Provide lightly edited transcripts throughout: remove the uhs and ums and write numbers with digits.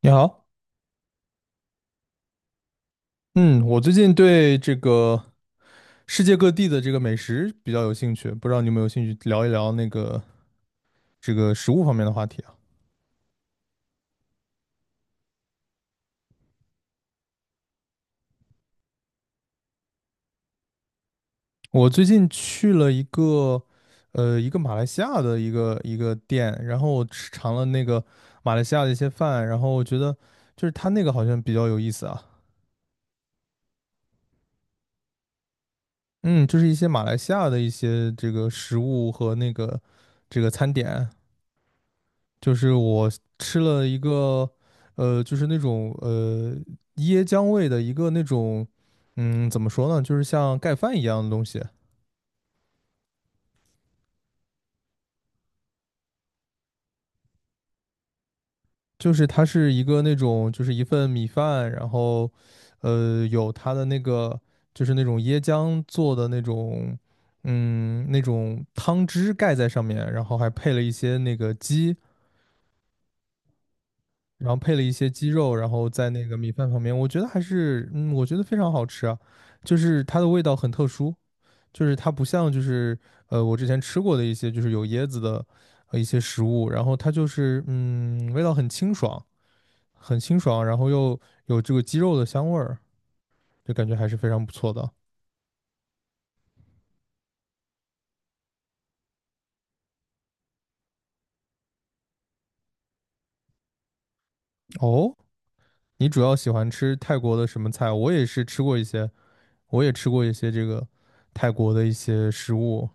你好，嗯，我最近对这个世界各地的这个美食比较有兴趣，不知道你有没有兴趣聊一聊食物方面的话题啊？我最近去了一个马来西亚的一个店，然后我尝了那个马来西亚的一些饭，然后我觉得就是它那个好像比较有意思啊。嗯，就是一些马来西亚的一些这个食物和餐点。就是我吃了一个，就是那种椰浆味的一个那种，嗯，怎么说呢，就是像盖饭一样的东西。就是它是一个那种，就是一份米饭，然后，有它的那个就是那种椰浆做的那种，嗯，那种汤汁盖在上面，然后还配了一些那个鸡，然后配了一些鸡肉，然后在那个米饭旁边，我觉得还是，嗯，我觉得非常好吃啊，就是它的味道很特殊。就是它不像我之前吃过的一些就是有椰子的一些食物，然后它就是味道很清爽，很清爽，然后又有这个鸡肉的香味儿，就感觉还是非常不错的。哦，你主要喜欢吃泰国的什么菜？我也是吃过一些，我也吃过一些这个泰国的一些食物。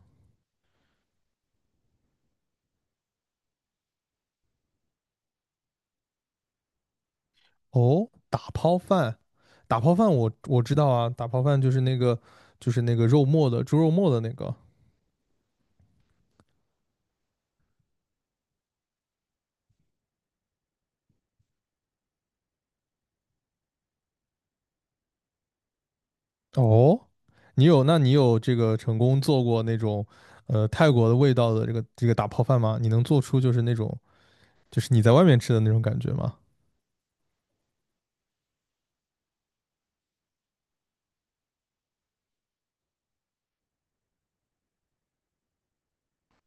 哦，打抛饭，打抛饭我知道啊，打抛饭就是那个肉末的猪肉末的那个。哦，你有，那你有这个成功做过那种，呃，泰国的味道的这个打泡饭吗？你能做出就是那种，就是你在外面吃的那种感觉吗？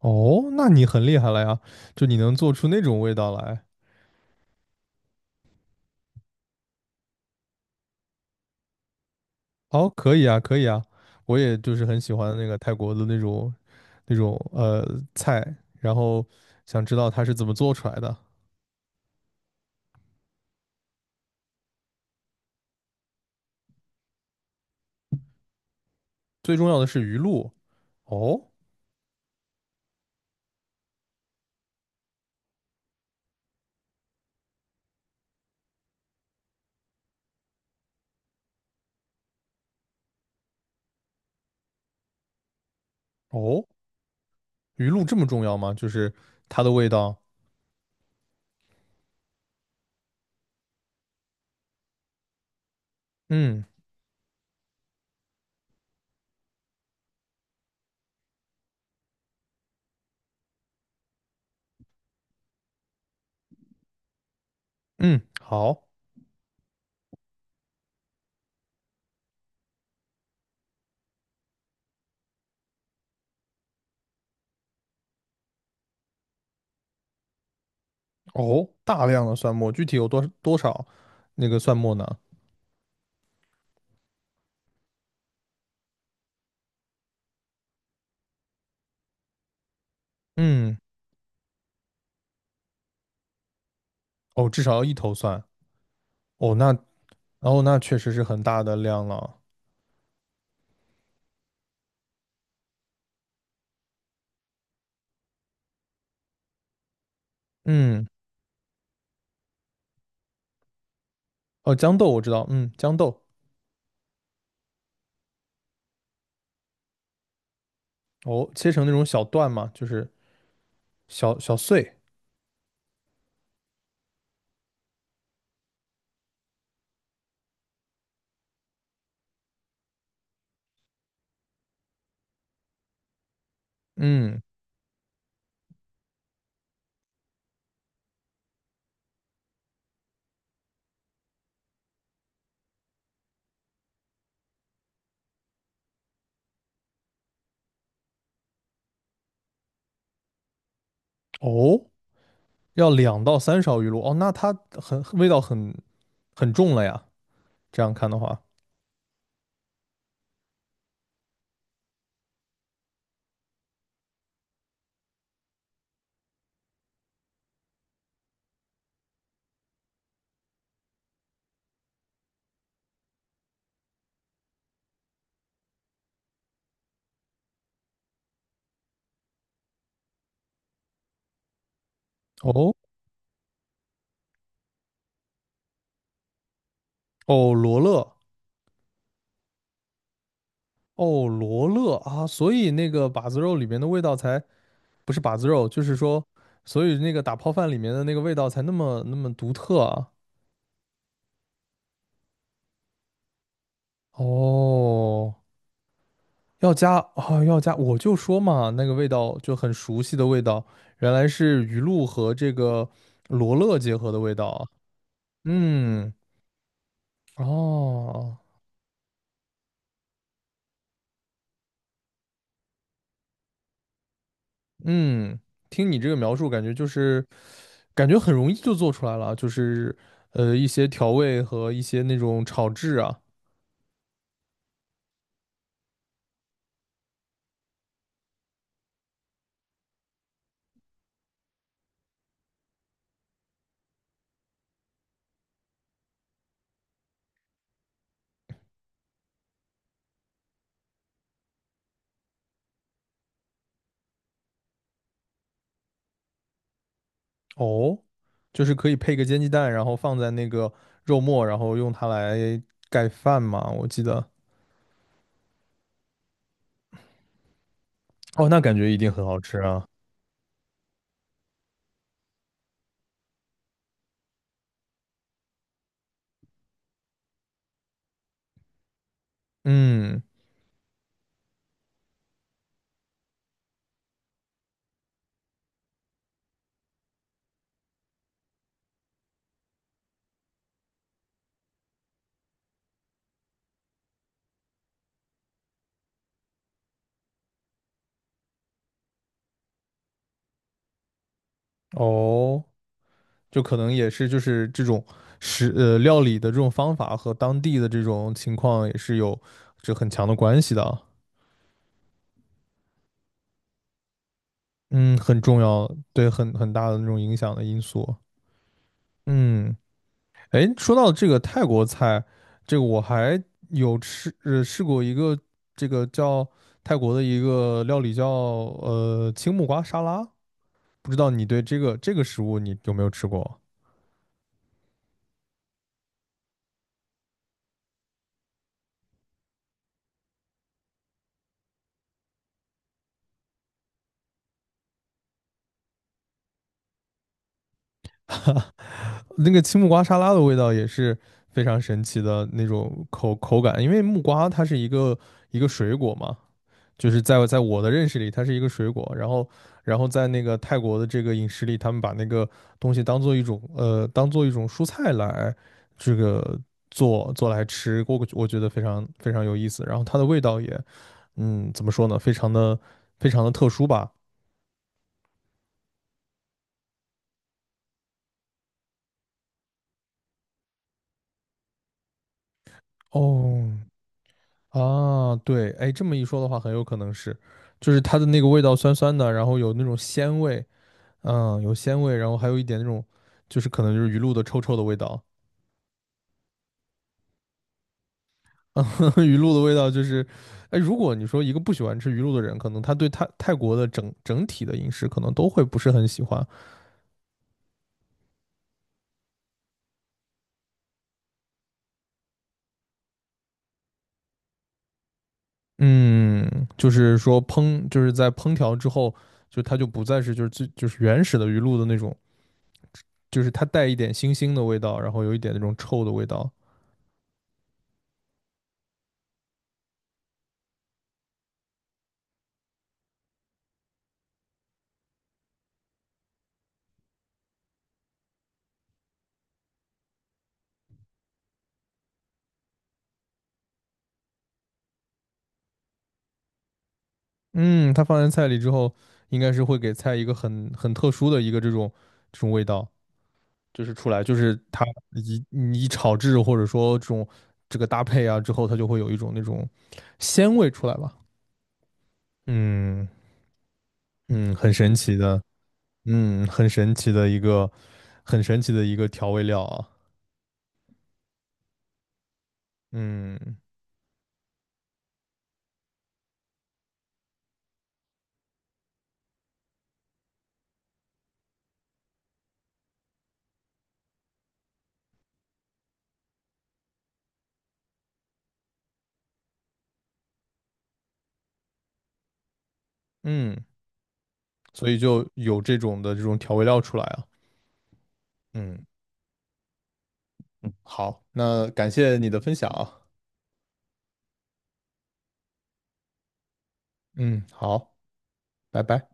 哦，那你很厉害了呀，就你能做出那种味道来。哦，可以啊，可以啊，我也就是很喜欢那个泰国的那种那种呃菜，然后想知道它是怎么做出来的。最重要的是鱼露。哦哦。鱼露这么重要吗？就是它的味道。嗯嗯，好。哦，大量的蒜末，具体有多少那个蒜末呢？嗯，哦，至少要一头蒜。哦，那哦，那确实是很大的量了。嗯，哦，豇豆我知道，嗯，豇豆。哦，切成那种小段嘛，就是小小碎。嗯，哦，要两到三勺鱼露。哦，那它味道很重了呀，这样看的话。哦哦，罗勒。哦罗勒啊，所以那个把子肉里面的味道才。不是把子肉，就是说，所以那个打泡饭里面的那个味道才那么独特啊。哦，要加啊，要加，我就说嘛，那个味道就很熟悉的味道，原来是鱼露和这个罗勒结合的味道啊。嗯，哦，嗯，听你这个描述，感觉就是感觉很容易就做出来了啊，就是一些调味和一些那种炒制啊。哦，就是可以配个煎鸡蛋，然后放在那个肉末，然后用它来盖饭嘛，我记得。哦，那感觉一定很好吃啊。嗯，哦，就可能也是就是这种料理的这种方法和当地的这种情况也是有这很强的关系的啊。嗯，很重要，对，很大的那种影响的因素。嗯。哎，说到这个泰国菜，这个我还有试过一个这个叫泰国的一个料理叫青木瓜沙拉，不知道你对这个食物你有没有吃过？那个青木瓜沙拉的味道也是非常神奇的那种口感，因为木瓜它是一个一个水果嘛，就是在我的认识里，它是一个水果，然后然后在那个泰国的这个饮食里，他们把那个东西当做一种当做一种蔬菜来这个做来吃，我觉得非常非常有意思，然后它的味道也怎么说呢，非常的特殊吧。哦啊，对，哎，这么一说的话，很有可能是，就是它的那个味道酸酸的，然后有那种鲜味，嗯，有鲜味，然后还有一点那种就是可能就是鱼露的臭臭的味道。鱼露的味道就是，哎，如果你说一个不喜欢吃鱼露的人，可能他对泰国的整体的饮食可能都会不是很喜欢。嗯，就是说烹，就是在烹调之后，就它就不再是就是最就是原始的鱼露的那种，就是它带一点腥腥的味道，然后有一点那种臭的味道。嗯，它放在菜里之后，应该是会给菜一个很特殊的一个这种味道。就是出来，就是它你一炒制或者说这个搭配啊之后，它就会有一种那种鲜味出来吧。嗯嗯，很神奇的，嗯，很神奇的一个很神奇的一个调味料啊。嗯嗯，所以就有这种的这种调味料出来啊。嗯，好，那感谢你的分享啊。嗯，好，拜拜。